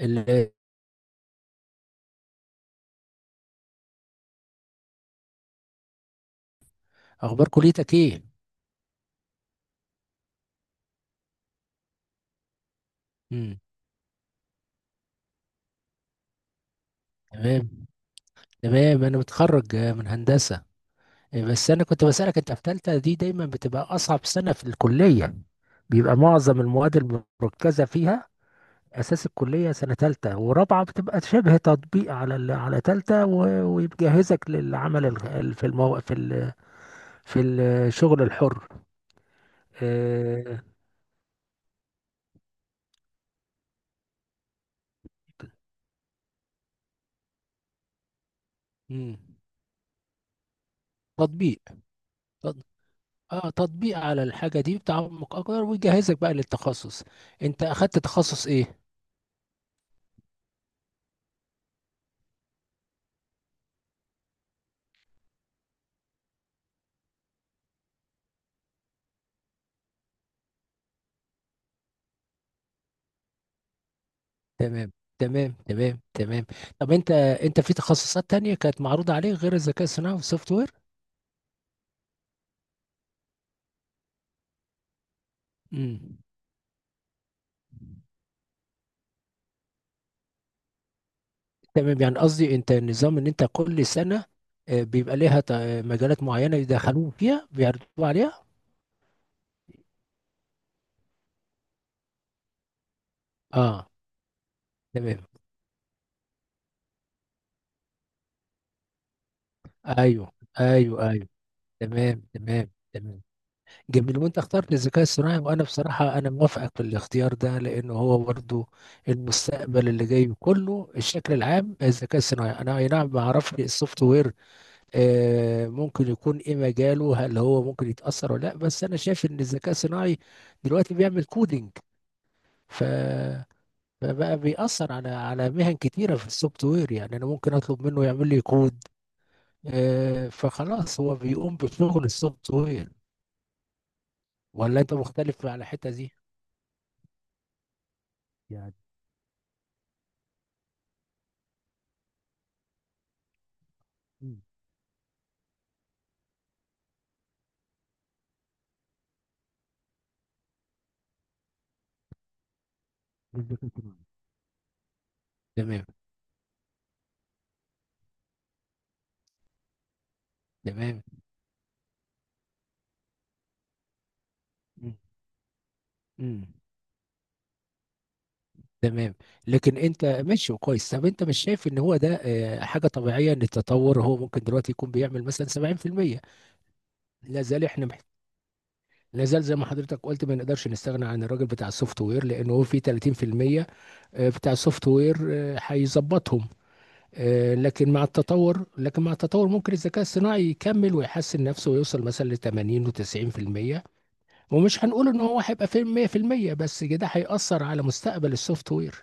ال- اخبار كليتك ايه؟ امم. تمام. تمام انا متخرج من هندسه. بس انا كنت بسالك، انت في ثالثه دي دايما بتبقى اصعب سنه في الكليه، بيبقى معظم المواد المركزه فيها اساس الكليه. سنه ثالثه ورابعه بتبقى شبه تطبيق على ثالثه ويجهزك للعمل في الشغل الحر. آه، مم. تطبيق. اه، تطبيق على الحاجة دي، بتعمق اكتر ويجهزك بقى للتخصص. انت اخدت تخصص ايه؟ تمام، تمام، تمام، تمام. طب انت في تخصصات تانية كانت معروضة عليك غير الذكاء الصناعي والسوفت وير؟ امم. تمام. يعني قصدي انت، النظام ان انت كل سنة بيبقى ليها مجالات معينة يدخلوك فيها بيعرضوا عليها. اه، تمام. ايوه، ايوه، ايوه. تمام، تمام، تمام. جميل. وانت اخترت الذكاء الصناعي، وانا بصراحة انا موافقك في الاختيار ده لانه هو برضو المستقبل اللي جاي كله، الشكل العام الذكاء الصناعي. انا اي نعم، ما اعرفش السوفت وير ممكن يكون ايه مجاله، هل هو ممكن يتأثر ولا لا، بس انا شايف ان الذكاء الصناعي دلوقتي بيعمل كودينج. ف فبقى بيأثر على مهن كتيرة في السوفت وير، يعني انا ممكن اطلب منه يعمل لي كود. فخلاص هو بيقوم بشغل السوفت وير. ولا انت مختلف على الحتة دي؟ يعني للذكاء الاصطناعي. تمام، تمام. مم. مم. تمام، لكن انت ماشي وكويس. طب انت مش شايف ان هو ده حاجه طبيعيه، ان التطور هو ممكن دلوقتي يكون بيعمل مثلا 70%؟ لا زال احنا لا زال زي ما حضرتك قلت، ما نقدرش نستغنى عن الراجل بتاع السوفت وير لانه هو في 30% بتاع السوفت وير هيظبطهم. لكن مع التطور، ممكن الذكاء الصناعي يكمل ويحسن نفسه ويوصل مثلا ل 80 و90%. ومش هنقول ان هو هيبقى فيلم 100%، بس كده هيأثر على مستقبل السوفت وير.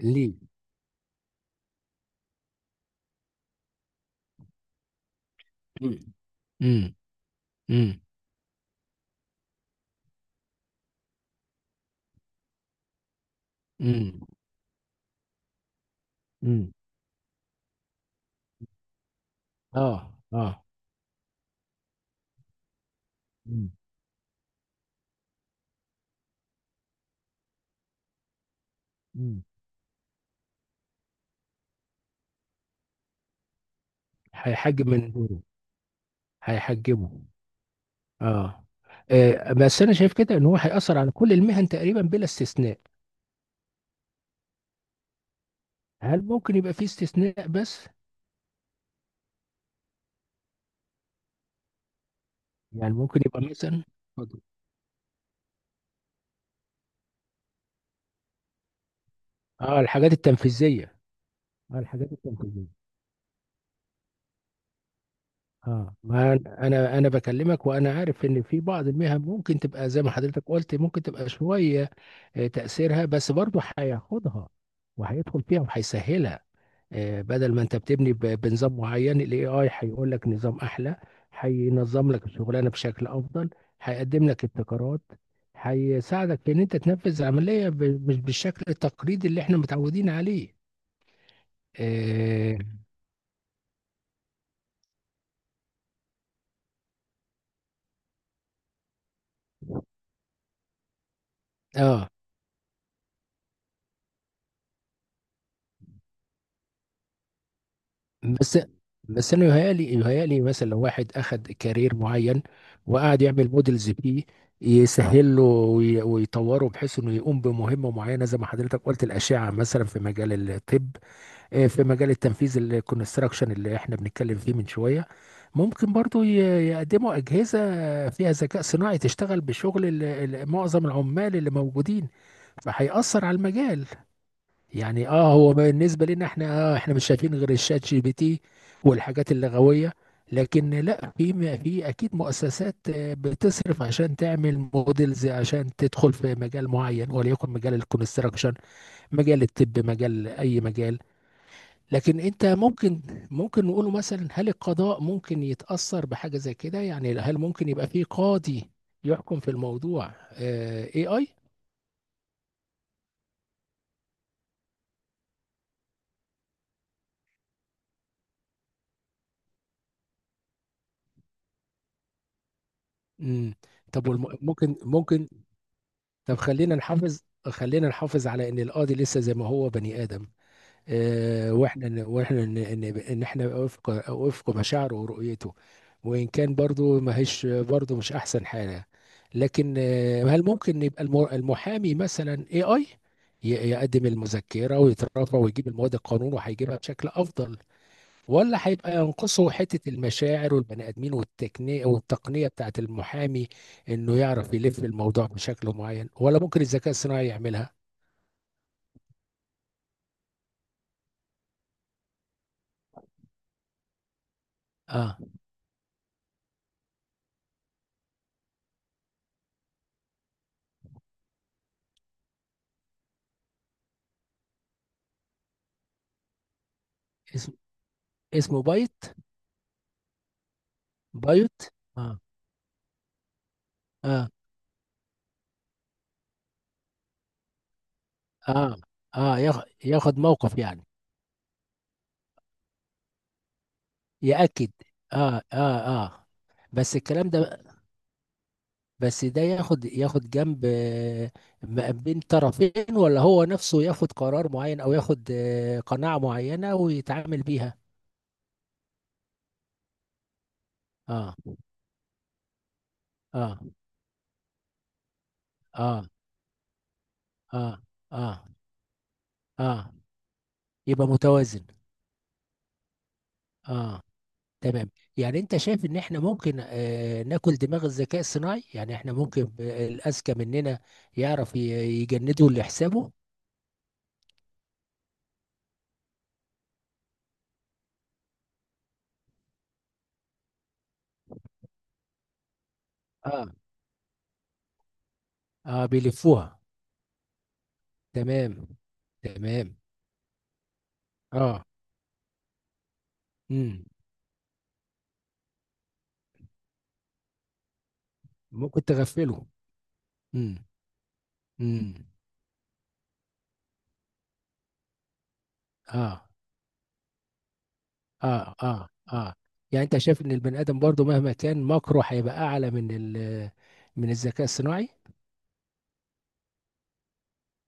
ليه؟ امم، امم، امم، امم. أمم. اه، اه. أمم. أمم. هيحجب من دوره، هيحجبه. اه. بس انا شايف كده ان هو هيأثر على كل المهن تقريبا بلا استثناء. هل ممكن يبقى في استثناء بس؟ يعني ممكن يبقى مثلا، اتفضل. اه الحاجات التنفيذية. اه الحاجات التنفيذية. اه، ما انا انا أنا بكلمك وانا عارف ان في بعض المهن ممكن تبقى زي ما حضرتك قلت، ممكن تبقى شويه تاثيرها، بس برضه هياخدها وهيدخل فيها وهيسهلها. بدل ما انت بتبني بنظام معين، الاي اي هيقول لك نظام احلى، هينظم لك الشغلانه بشكل افضل، هيقدم لك ابتكارات، هيساعدك في ان انت تنفذ العمليه مش بالشكل التقليدي اللي احنا متعودين عليه. اه. آه، بس انا يهيألي مثلا لو واحد اخد كارير معين وقعد يعمل موديلز فيه، يسهل له ويطوره بحيث انه يقوم بمهمه معينه، زي ما حضرتك قلت الاشعه مثلا في مجال الطب، في مجال التنفيذ الكونستراكشن اللي احنا بنتكلم فيه من شويه، ممكن برضو يقدموا اجهزه فيها ذكاء صناعي تشتغل بشغل معظم العمال اللي موجودين، فهيأثر على المجال. يعني اه، هو بالنسبه لنا احنا آه، احنا مش شايفين غير الشات جي بي تي والحاجات اللغويه، لكن لا، في اكيد مؤسسات بتصرف عشان تعمل موديلز عشان تدخل في مجال معين، وليكن مجال الكونستراكشن، مجال الطب، مجال اي مجال. لكن انت ممكن، ممكن نقوله مثلا، هل القضاء ممكن يتاثر بحاجه زي كده؟ يعني هل ممكن يبقى في قاضي يحكم في الموضوع اي اي؟ امم. طب ممكن، ممكن. طب خلينا نحافظ، على ان القاضي لسه زي ما هو بني ادم، واحنا ان احنا وفق مشاعره ورؤيته، وان كان برضو ما هيش، برضو مش احسن حاجه. لكن هل ممكن يبقى المحامي مثلا اي اي يقدم المذكره ويترافع ويجيب المواد القانون وهيجيبها بشكل افضل، ولا هيبقى ينقصه حتة المشاعر والبني آدمين والتقنية، بتاعت المحامي، إنه يعرف يلف الموضوع بشكل معين؟ ولا ممكن الذكاء الصناعي يعملها؟ آه. اسم. اسمه بايت. بايت. آه، آه، آه، آه. ياخد موقف يعني. يأكد. آه، آه، آه. بس الكلام ده، ده ياخد، ياخد جنب ما بين طرفين، ولا هو نفسه ياخد قرار معين، أو ياخد قناعة معينة ويتعامل بيها؟ آه. اه، اه، اه، اه، اه. يبقى متوازن. اه، تمام. يعني انت شايف ان احنا ممكن آه، ناكل دماغ الذكاء الصناعي، يعني احنا ممكن الاذكى مننا يعرف يجنده اللي حسابه. اه، اه. بيلفوها. تمام، تمام. اه. امم. ممكن تغفله. امم، امم. اه، اه، اه، اه. يعني انت شايف ان البني ادم برضو مهما كان مكره هيبقى اعلى من ال من الذكاء الصناعي.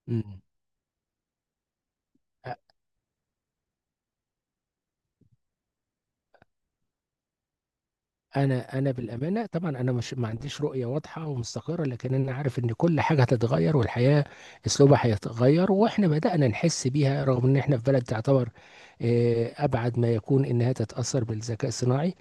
امم. انا بالامانه طبعا انا مش، ما عنديش رؤيه واضحه ومستقره، لكن انا عارف ان كل حاجه هتتغير، والحياه اسلوبها هيتغير، واحنا بدانا نحس بيها، رغم ان احنا في بلد تعتبر ابعد ما يكون انها تتاثر بالذكاء الصناعي،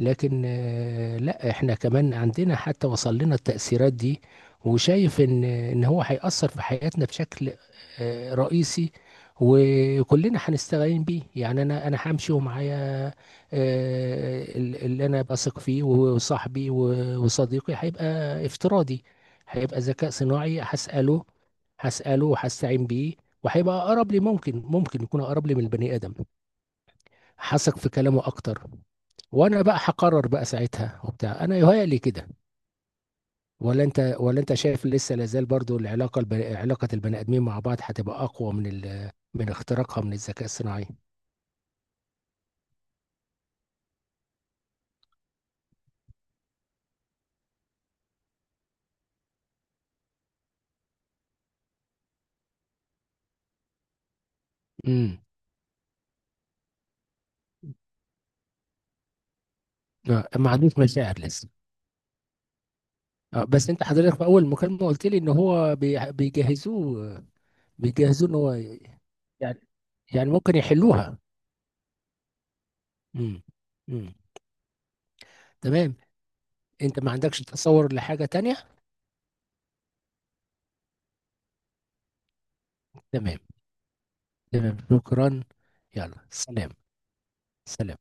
لكن لا، احنا كمان عندنا، حتى وصل لنا التأثيرات دي. وشايف ان هو هيأثر في حياتنا بشكل رئيسي، وكلنا هنستعين بيه. يعني انا همشي ومعايا اللي انا بثق فيه، وصاحبي وصديقي هيبقى افتراضي، هيبقى ذكاء صناعي، هسأله، وهستعين بيه، وهيبقى اقرب لي، ممكن يكون اقرب لي من البني ادم، حسك في كلامه اكتر. وانا بقى هقرر بقى ساعتها وبتاع، انا يهيألي كده. ولا انت شايف لسه لازال برضو العلاقه علاقه البني ادمين مع بعض هتبقى اقوى من من اختراقها من الذكاء الصناعي؟ امم. ما عندوش مشاعر لسه. بس انت حضرتك في اول مكالمه قلت لي ان هو بيجهزوه. بيجهزوه ان هو يعني، ممكن يحلوها. امم، امم. تمام. انت ما عندكش تصور لحاجه تانية؟ تمام، تمام. شكرا. يلا سلام. سلام.